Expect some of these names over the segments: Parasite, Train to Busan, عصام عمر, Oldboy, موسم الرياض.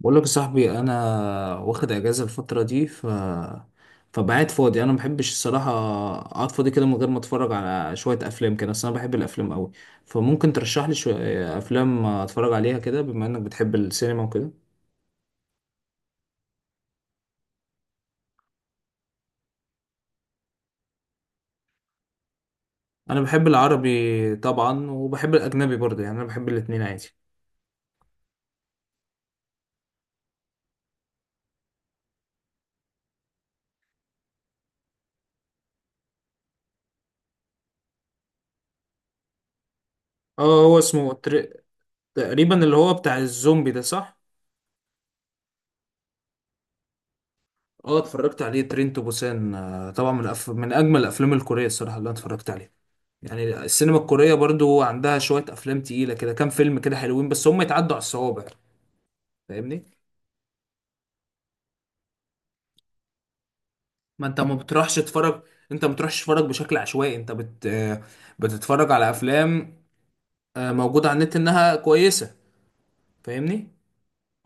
بقول لك يا صاحبي، انا واخد اجازه الفتره دي، فبقعد فاضي. انا ما بحبش الصراحه اقعد فاضي كده من غير ما اتفرج على شويه افلام كده. اصل انا بحب الافلام قوي، فممكن ترشح لي شويه افلام اتفرج عليها كده بما انك بتحب السينما وكده؟ انا بحب العربي طبعا، وبحب الاجنبي برضه. يعني انا بحب الاتنين عادي. اه، هو اسمه تقريبا اللي هو بتاع الزومبي ده، صح؟ اه، اتفرجت عليه، ترين تو بوسان. طبعا، من اجمل الافلام الكوريه الصراحه اللي انا اتفرجت عليها. يعني السينما الكورية برضو عندها شوية أفلام تقيلة كده، كام فيلم كده حلوين بس، هم يتعدوا على الصوابع. فاهمني؟ ما أنت ما بتروحش تتفرج. أنت ما بتروحش تتفرج بشكل عشوائي. أنت بت... آه، بتتفرج على أفلام موجودة على النت إنها كويسة. فاهمني؟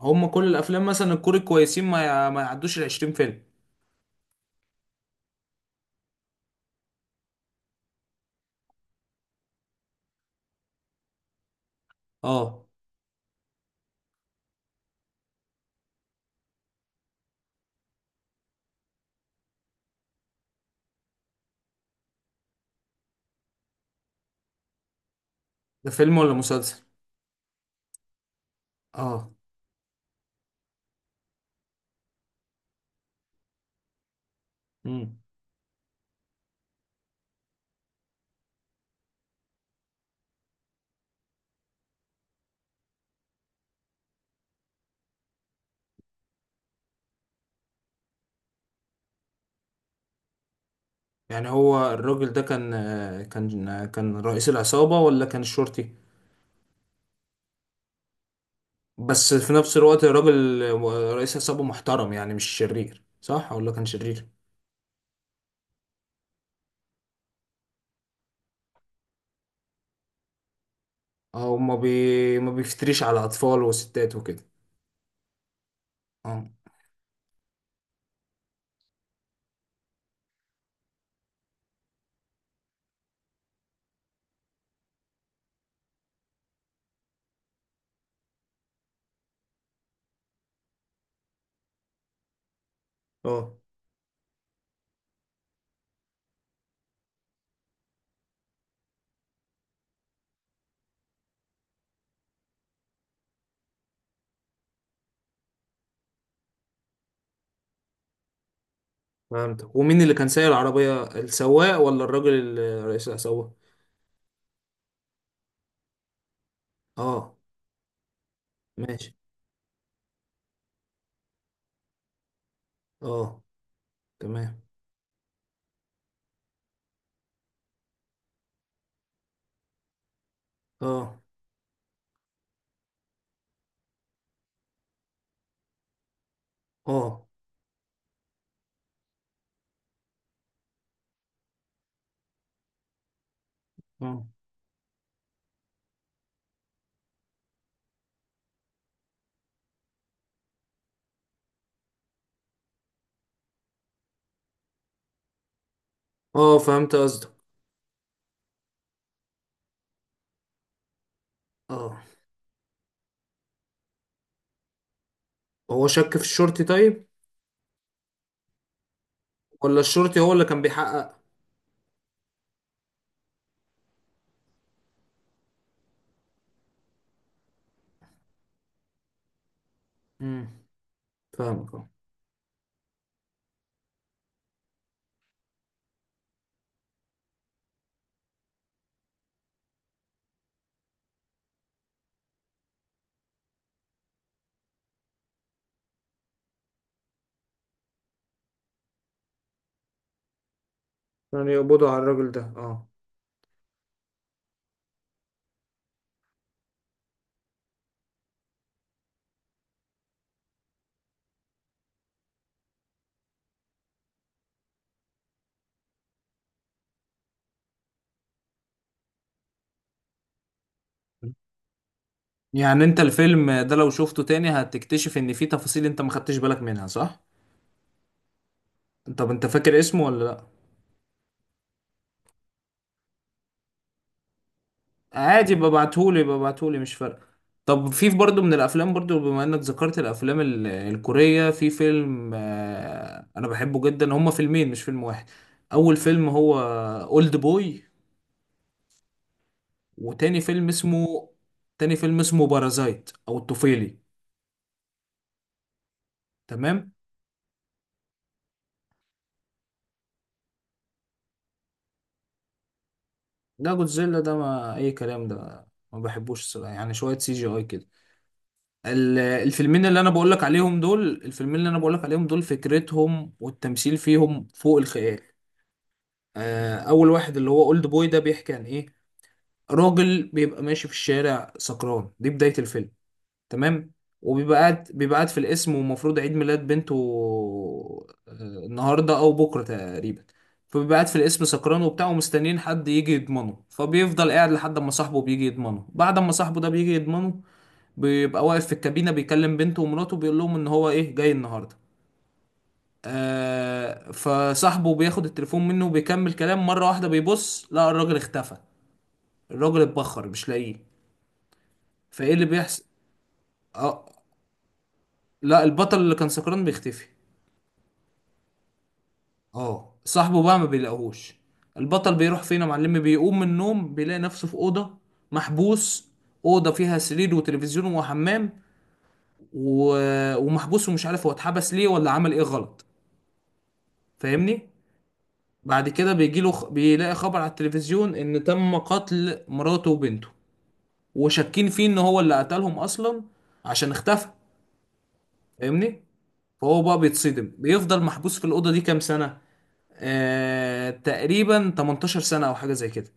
هم كل الأفلام مثلا الكوري كويسين، ما يعدوش ال 20 فيلم. أه، ده فيلم ولا مسلسل؟ أه. مم. يعني هو الراجل ده كان رئيس العصابة، ولا كان الشرطي؟ بس في نفس الوقت الراجل رئيس عصابة محترم يعني، مش شرير، صح؟ ولا كان شرير؟ اه، ما بيفتريش على أطفال وستات وكده. اه، اه، فهمتك. ومين اللي كان سايق العربية، السواق ولا الراجل رئيس العصابة؟ اه. ماشي. اه. تمام. اه. اه. اه. اه، فهمت قصدك. اه. هو شك في الشرطي، طيب؟ ولا الشرطي هو اللي كان بيحقق؟ امم. فاهمك. اه. يعني يقبضوا على الراجل ده؟ اه. يعني انت الفيلم ده لو شفته تاني هتكتشف ان فيه تفاصيل انت ما خدتش بالك منها، صح؟ طب انت فاكر اسمه ولا لا؟ عادي ببعتهولي، مش فارقه. طب في برضه من الافلام، برضه بما انك ذكرت الافلام الكوريه، في فيلم انا بحبه جدا. هما فيلمين مش فيلم واحد. اول فيلم هو اولد بوي، وتاني فيلم اسمه، بارازايت او الطفيلي. تمام. ده جودزيلا ده ما اي كلام. ده ما بحبوش الصراحة. يعني شويه سي جي اي كده. الفيلمين اللي انا بقولك عليهم دول، فكرتهم والتمثيل فيهم فوق الخيال. اول واحد اللي هو اولد بوي ده بيحكي عن ايه. راجل بيبقى ماشي في الشارع سكران، دي بداية الفيلم. تمام. وبيبقى قاعد بيبقى قاعد في القسم، ومفروض عيد ميلاد بنته آه، النهارده او بكره تقريبا. فبيبقى قاعد في القسم سكران وبتاع، ومستنيين حد يجي يضمنه. فبيفضل قاعد لحد ما صاحبه بيجي يضمنه. بعد ما صاحبه ده بيجي يضمنه، بيبقى واقف في الكابينة بيكلم بنته ومراته، بيقول لهم ان هو ايه جاي النهاردة. فصاحبه بياخد التليفون منه وبيكمل كلام. مرة واحدة بيبص، لا الراجل اختفى. الراجل اتبخر، مش لاقيه. فايه اللي بيحصل. اه. لا، البطل اللي كان سكران بيختفي. اه، صاحبه بقى ما بيلاقوهوش. البطل بيروح فين يا معلم؟ بيقوم من النوم بيلاقي نفسه في أوضة محبوس. أوضة فيها سرير وتلفزيون وحمام، و... ومحبوس، ومش عارف هو اتحبس ليه ولا عمل ايه غلط. فاهمني. بعد كده بيجي له بيلاقي خبر على التلفزيون ان تم قتل مراته وبنته، وشاكين فيه ان هو اللي قتلهم اصلا، عشان اختفى. فاهمني. فهو بقى بيتصدم، بيفضل محبوس في الاوضه دي كام سنه. تقريبا 18 سنه او حاجه زي كده.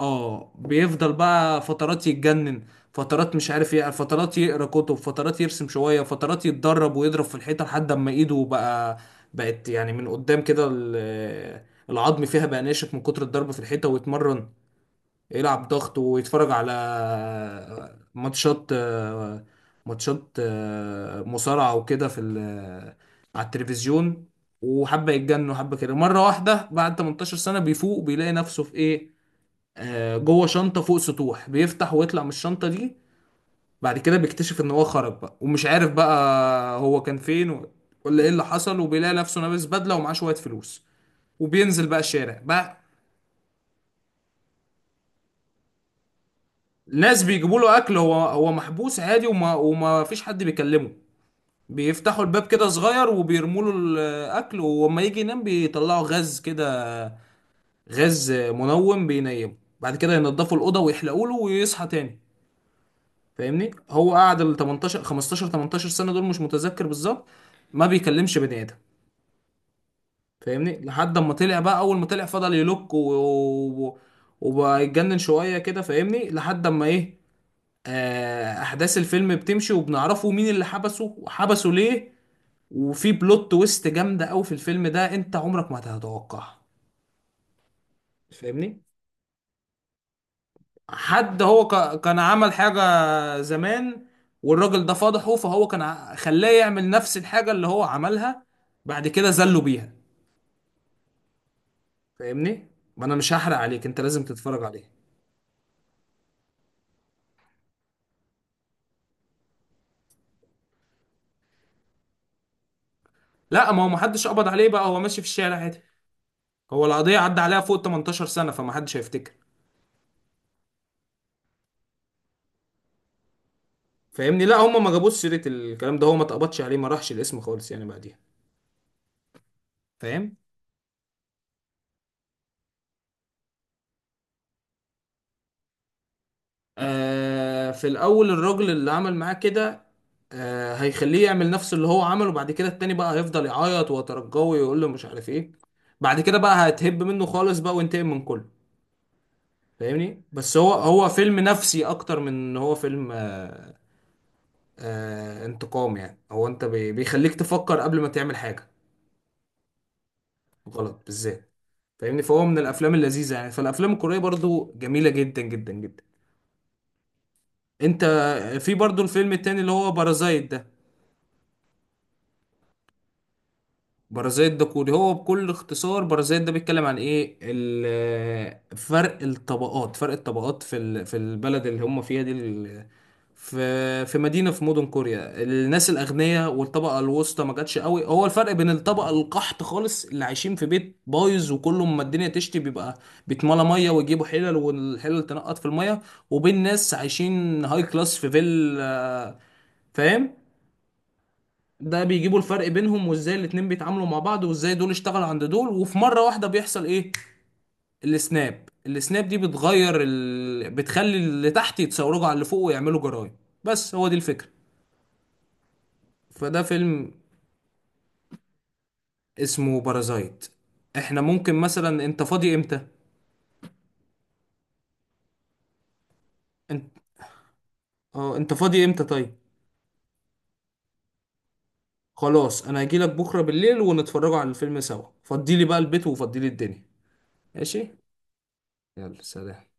اه. بيفضل بقى فترات يتجنن، فترات مش عارف ايه، فترات يقرا كتب، فترات يرسم شويه، فترات يتدرب ويضرب في الحيطه لحد اما ايده بقى، بقت يعني من قدام كده العظم فيها بقى ناشف من كتر الضرب في الحيطه، ويتمرن يلعب ضغط ويتفرج على ماتشات، ماتشات مصارعه وكده على التلفزيون. وحبه يتجنن وحبه كده، مره واحده بعد 18 سنه بيفوق بيلاقي نفسه في ايه، جوه شنطة فوق سطوح. بيفتح ويطلع من الشنطة دي. بعد كده بيكتشف ان هو خرج بقى، ومش عارف بقى هو كان فين ولا ايه اللي حصل. وبيلاقي نفسه لابس بدلة، ومعاه شوية فلوس، وبينزل بقى الشارع بقى. ناس بيجيبوا له اكل. هو محبوس عادي، وما فيش حد بيكلمه. بيفتحوا الباب كده صغير وبيرموا له الاكل، ولما يجي ينام بيطلعوا غاز كده، غاز منوم بينيمه. بعد كده ينضفوا الاوضه ويحلقوا له ويصحى تاني. فاهمني. هو قعد ال 18 15 18 سنه دول مش متذكر بالظبط، ما بيكلمش بني ادم. فاهمني لحد اما طلع بقى. اول ما طلع فضل يلوك و... وبقى يتجنن شويه كده. فاهمني لحد اما ايه، احداث الفيلم بتمشي وبنعرفه مين اللي حبسه وحبسه ليه. وفي بلوت تويست جامده قوي في الفيلم ده انت عمرك ما هتتوقعها. فاهمني. حد هو كان عمل حاجة زمان، والراجل ده فضحه. فهو كان خلاه يعمل نفس الحاجة اللي هو عملها، بعد كده زله بيها. فاهمني؟ ما انا مش هحرق عليك، انت لازم تتفرج عليه. لا، ما هو محدش قبض عليه بقى، هو ماشي في الشارع عادي. هو القضية عدى عليها فوق 18 سنة، فمحدش هيفتكر. فاهمني؟ لا، هم ما جابوش سيرة الكلام ده. هو ما اتقبضش عليه، ما راحش الاسم خالص يعني بعديها. فاهم؟ في الاول الراجل اللي عمل معاه كده، هيخليه يعمل نفس اللي هو عمله. بعد كده التاني بقى هيفضل يعيط ويترجوه ويقول له مش عارف ايه. بعد كده بقى هتهب منه خالص بقى، وينتقم من كله. فاهمني. بس هو فيلم نفسي اكتر من ان هو فيلم. انتقام يعني. هو انت بيخليك تفكر قبل ما تعمل حاجة غلط بالذات. فاهمني. فهو من الافلام اللذيذة يعني. فالافلام الكورية برضو جميلة جدا جدا جدا. انت في برضو الفيلم التاني اللي هو بارازايت ده. بارازيت ده كوري. هو بكل اختصار بارازيت ده بيتكلم عن ايه؟ فرق الطبقات في البلد اللي هم فيها دي في مدينة في مدن كوريا. الناس الأغنياء والطبقة الوسطى ما جاتش قوي. هو الفرق بين الطبقة القحط خالص اللي عايشين في بيت بايظ وكله، ما الدنيا تشتي بيبقى بيتملى مية ويجيبوا حلل والحلل تنقط في المية، وبين ناس عايشين هاي كلاس في فيل. فاهم؟ ده بيجيبوا الفرق بينهم، وازاي الاتنين بيتعاملوا مع بعض، وازاي دول اشتغلوا عند دول، وفي مرة واحدة بيحصل ايه؟ السناب دي بتغير بتخلي اللي تحت يتصوروا على اللي فوق ويعملوا جرايم. بس هو دي الفكرة. فده فيلم اسمه بارازايت. احنا ممكن مثلا انت فاضي امتى؟ انت اه، انت فاضي امتى طيب؟ خلاص انا هجيلك بكرة بالليل ونتفرجوا على الفيلم سوا. فضيلي بقى البيت وفضيلي الدنيا. ماشي. يلا، سلام.